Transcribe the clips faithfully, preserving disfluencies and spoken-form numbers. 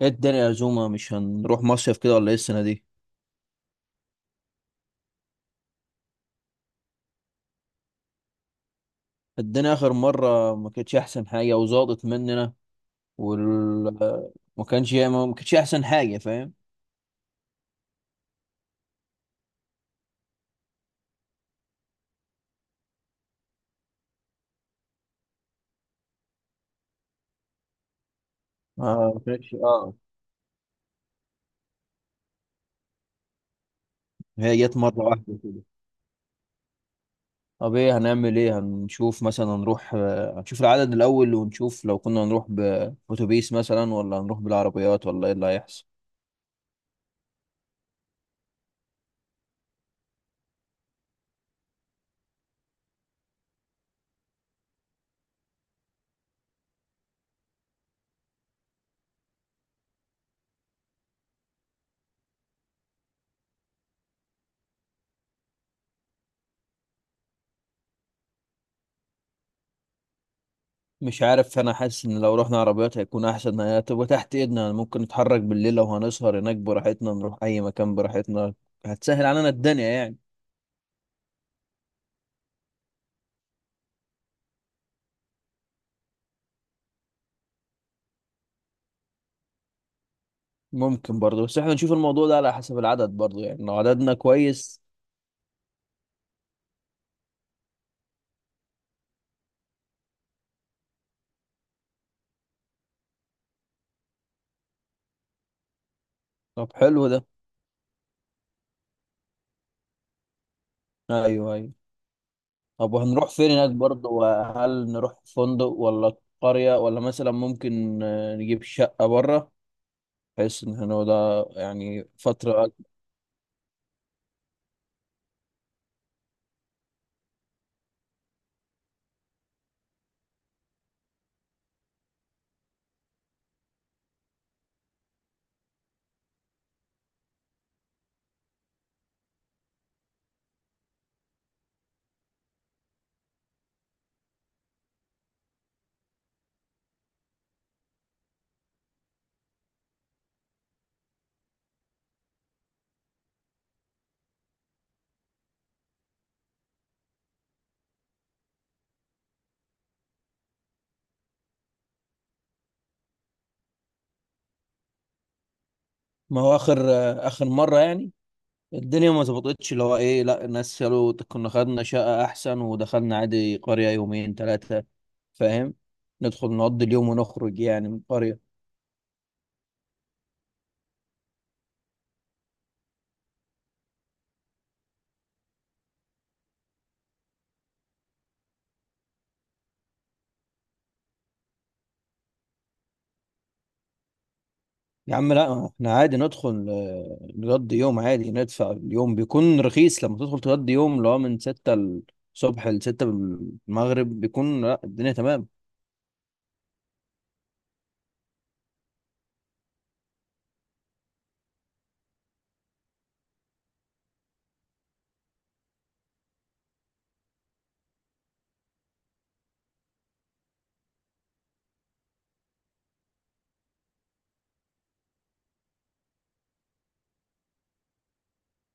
ايه الدنيا يا زوما؟ مش هنروح مصيف كده ولا ايه السنة دي؟ الدنيا آخر مرة ما كانتش أحسن حاجة وزادت مننا. وال ما كانش ما كانتش أحسن حاجة، فاهم؟ آه، ما كانتش اه هي جت مرة واحدة كده. طب ايه هنعمل؟ ايه هنشوف؟ مثلا هنروح، آه، هنشوف العدد الأول ونشوف لو كنا هنروح بأتوبيس مثلا ولا هنروح بالعربيات ولا ايه اللي هيحصل. مش عارف، انا حاسس ان لو رحنا عربيات هيكون احسن، هي هتبقى تحت ايدنا، ممكن نتحرك بالليل لو هنسهر هناك براحتنا، نروح اي مكان براحتنا. هتسهل علينا الدنيا يعني. ممكن برضه، بس احنا نشوف الموضوع ده على حسب العدد برضه يعني، لو عددنا كويس. طب حلو ده. ايوه ايوه. طب وهنروح فين هناك برضه؟ وهل نروح فندق ولا قرية، ولا مثلا ممكن آه، نجيب شقة بره، بحيث ان احنا ده يعني فترة. ما هو اخر آه، اخر مرة يعني الدنيا ما ظبطتش، اللي هو ايه، لا الناس قالوا كنا خدنا شقة احسن ودخلنا عادي قرية يومين ثلاثة، فاهم، ندخل نقضي اليوم ونخرج يعني من القرية. يا عم، لا احنا عادي ندخل آه، نقضي يوم عادي، ندفع اليوم بيكون رخيص، لما تدخل تقضي يوم اللي هو من ستة الصبح لستة المغرب بيكون، لا، الدنيا تمام.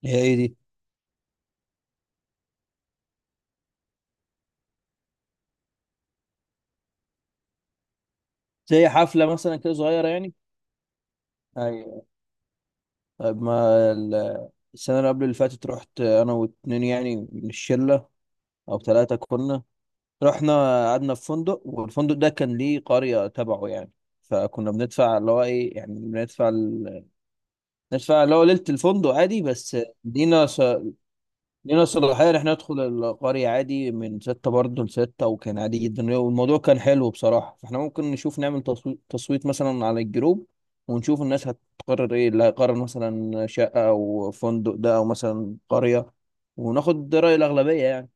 هي ايه دي؟ زي حفلة مثلا كده صغيرة يعني؟ ايوه. طيب، ما ال- السنة اللي قبل اللي فاتت رحت انا واتنين يعني من الشلة، او ثلاثة كنا، رحنا، قعدنا في فندق والفندق ده كان ليه قرية تبعه يعني، فكنا بندفع اللي هو ايه يعني، بندفع ال... ندفع اللي هو ليلة الفندق عادي بس، لينا س... لينا صلاحية ان احنا ندخل القرية عادي من ستة برضه لستة، وكان عادي جدا والموضوع كان حلو بصراحة. فاحنا ممكن نشوف نعمل تصويت, تصويت مثلا على الجروب، ونشوف الناس هتقرر ايه، اللي هيقرر مثلا شقة او فندق ده او مثلا قرية، وناخد رأي الأغلبية يعني.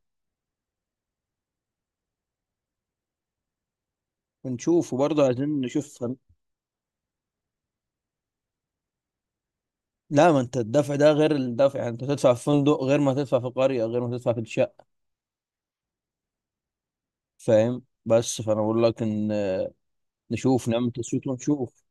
ونشوف، وبرضه عايزين نشوف. لا ما انت الدفع ده غير الدفع يعني، انت تدفع في فندق غير ما تدفع في قرية غير ما تدفع في الشقة، فاهم؟ بس فانا بقول لك ان نشوف نعمل تصويت ونشوف.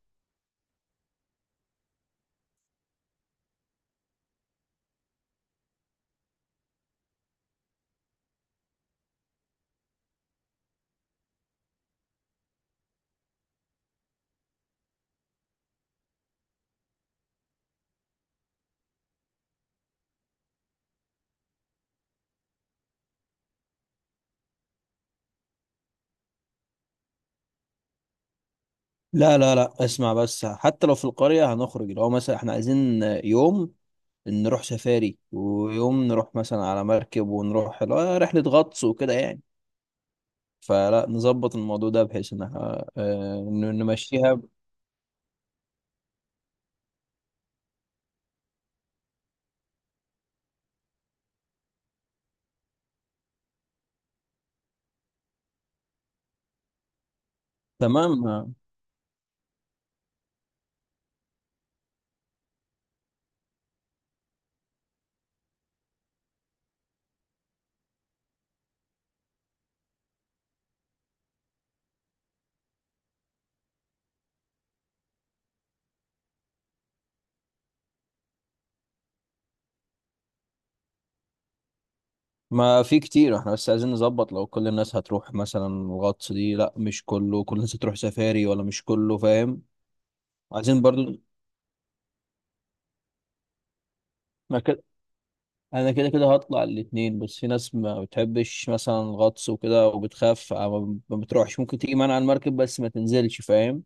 لا لا لا، اسمع بس، حتى لو في القرية هنخرج، لو مثلا احنا عايزين يوم نروح سفاري ويوم نروح مثلا على مركب ونروح، لا، رحلة غطس وكده يعني. فلا نظبط الموضوع ده بحيث ان احنا آه، ن- نمشيها. تمام. ما في كتير، احنا بس عايزين نظبط لو كل الناس هتروح مثلا الغطس دي، لا مش كله، كل الناس هتروح سفاري ولا مش كله، فاهم؟ عايزين برضو. ما كده. انا كده كده هطلع الاتنين، بس في ناس ما بتحبش مثلا الغطس وكده وبتخاف، ما ما بتروحش، ممكن تيجي معانا على المركب بس ما تنزلش، فاهم؟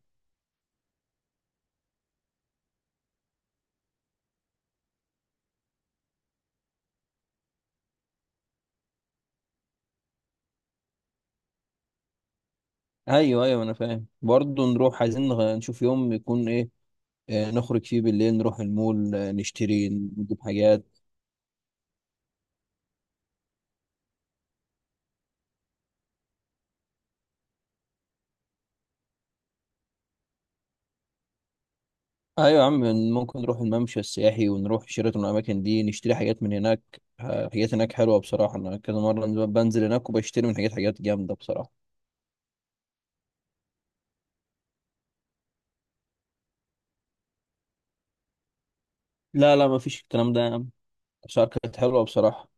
ايوه ايوه انا فاهم. برضو نروح، عايزين نغ- نشوف يوم يكون ايه، آه، نخرج فيه بالليل نروح المول، آه، نشتري نجيب حاجات. ايوه يا عم. ممكن نروح الممشى السياحي ونروح شيراتون والاماكن دي، نشتري حاجات من هناك. ح- حاجات هناك حلوه بصراحه، انا كذا مره ن- بنزل هناك وبشتري من حاجات، حاجات جامده بصراحه. لا لا، ما فيش الكلام ده يا عم، الأسعار كانت حلوه بصراحه.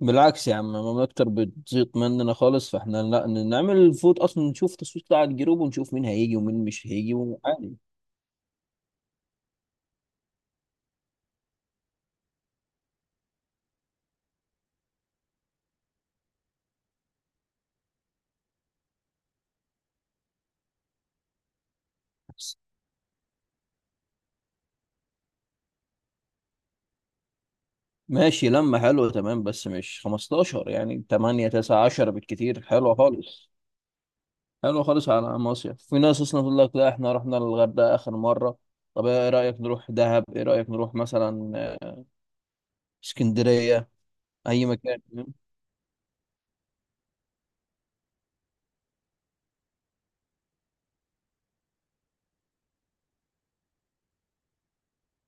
بالعكس يا عم، ما اكتر بتزيط مننا خالص، فاحنا لا ن- نعمل فوت اصلا، نشوف تصويت بتاع الجروب ونشوف مين هيجي ومين مش هيجي، وعادي. ماشي، لما حلوه تمام، بس مش خمستاشر يعني، تمانية تسعة عشرة بالكتير حلوه خالص. حلو خالص. على مصيف، في ناس اصلا تقول لك لا احنا رحنا الغردقه اخر مره. طب ايه رايك نروح دهب؟ ايه رايك نروح مثلا آه، اسكندريه؟ اي مكان.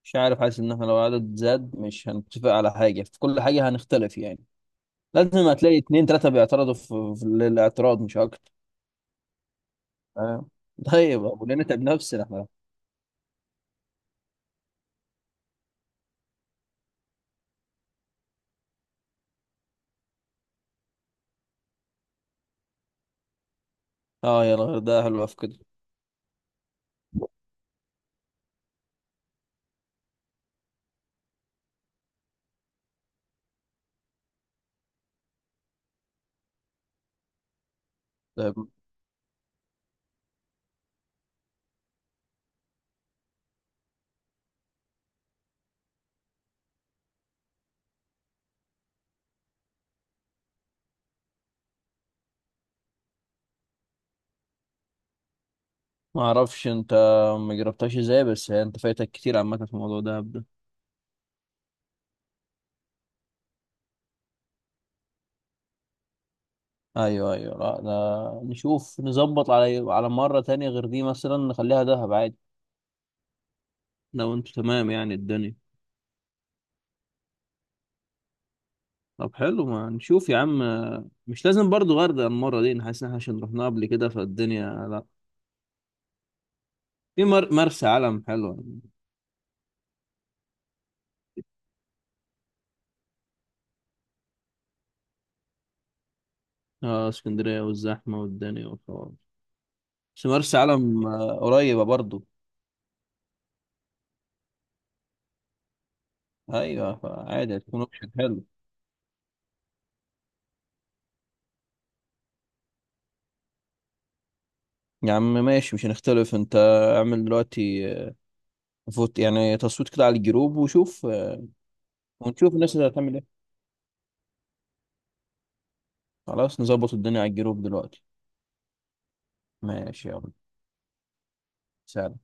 مش عارف، حاسس ان احنا لو عدد زاد مش هنتفق على حاجه، في كل حاجه هنختلف يعني، لازم هتلاقي اتنين تلاته بيعترضوا في, في الاعتراض مش اكتر، فاهم؟ طيب، ابو نتعب نفسنا احنا. اه، يا الغردقه حلوه في كده. طيب، ما اعرفش انت ما جربتهاش ازاي، بس انت فايتك كتير عامه في موضوع دهب ده. ايوه ايوه، لا ده نشوف نظبط على على مرة تانية غير دي، مثلا نخليها دهب عادي، لو انتوا تمام يعني الدنيا. طب حلو، ما نشوف يا عم. مش لازم برضو غردقة المرة دي، أنا حاسس ان احنا عشان رحناها قبل كده فالدنيا لا. في مر... مرسى علم حلوة يعني. اه اسكندرية والزحمة والدنيا والحوار. بس مرسى علم آه، قريبة برضو. ايوه، فعادي هتكون اوبشن حلو. يا عم ماشي، مش هنختلف انت. اعمل دلوقتي آه، فوت يعني، تصويت كده على الجروب وشوف آه، ونشوف الناس اللي هتعمل. خلاص، نظبط الدنيا على الجروب دلوقتي. ماشي، يلا. سلام.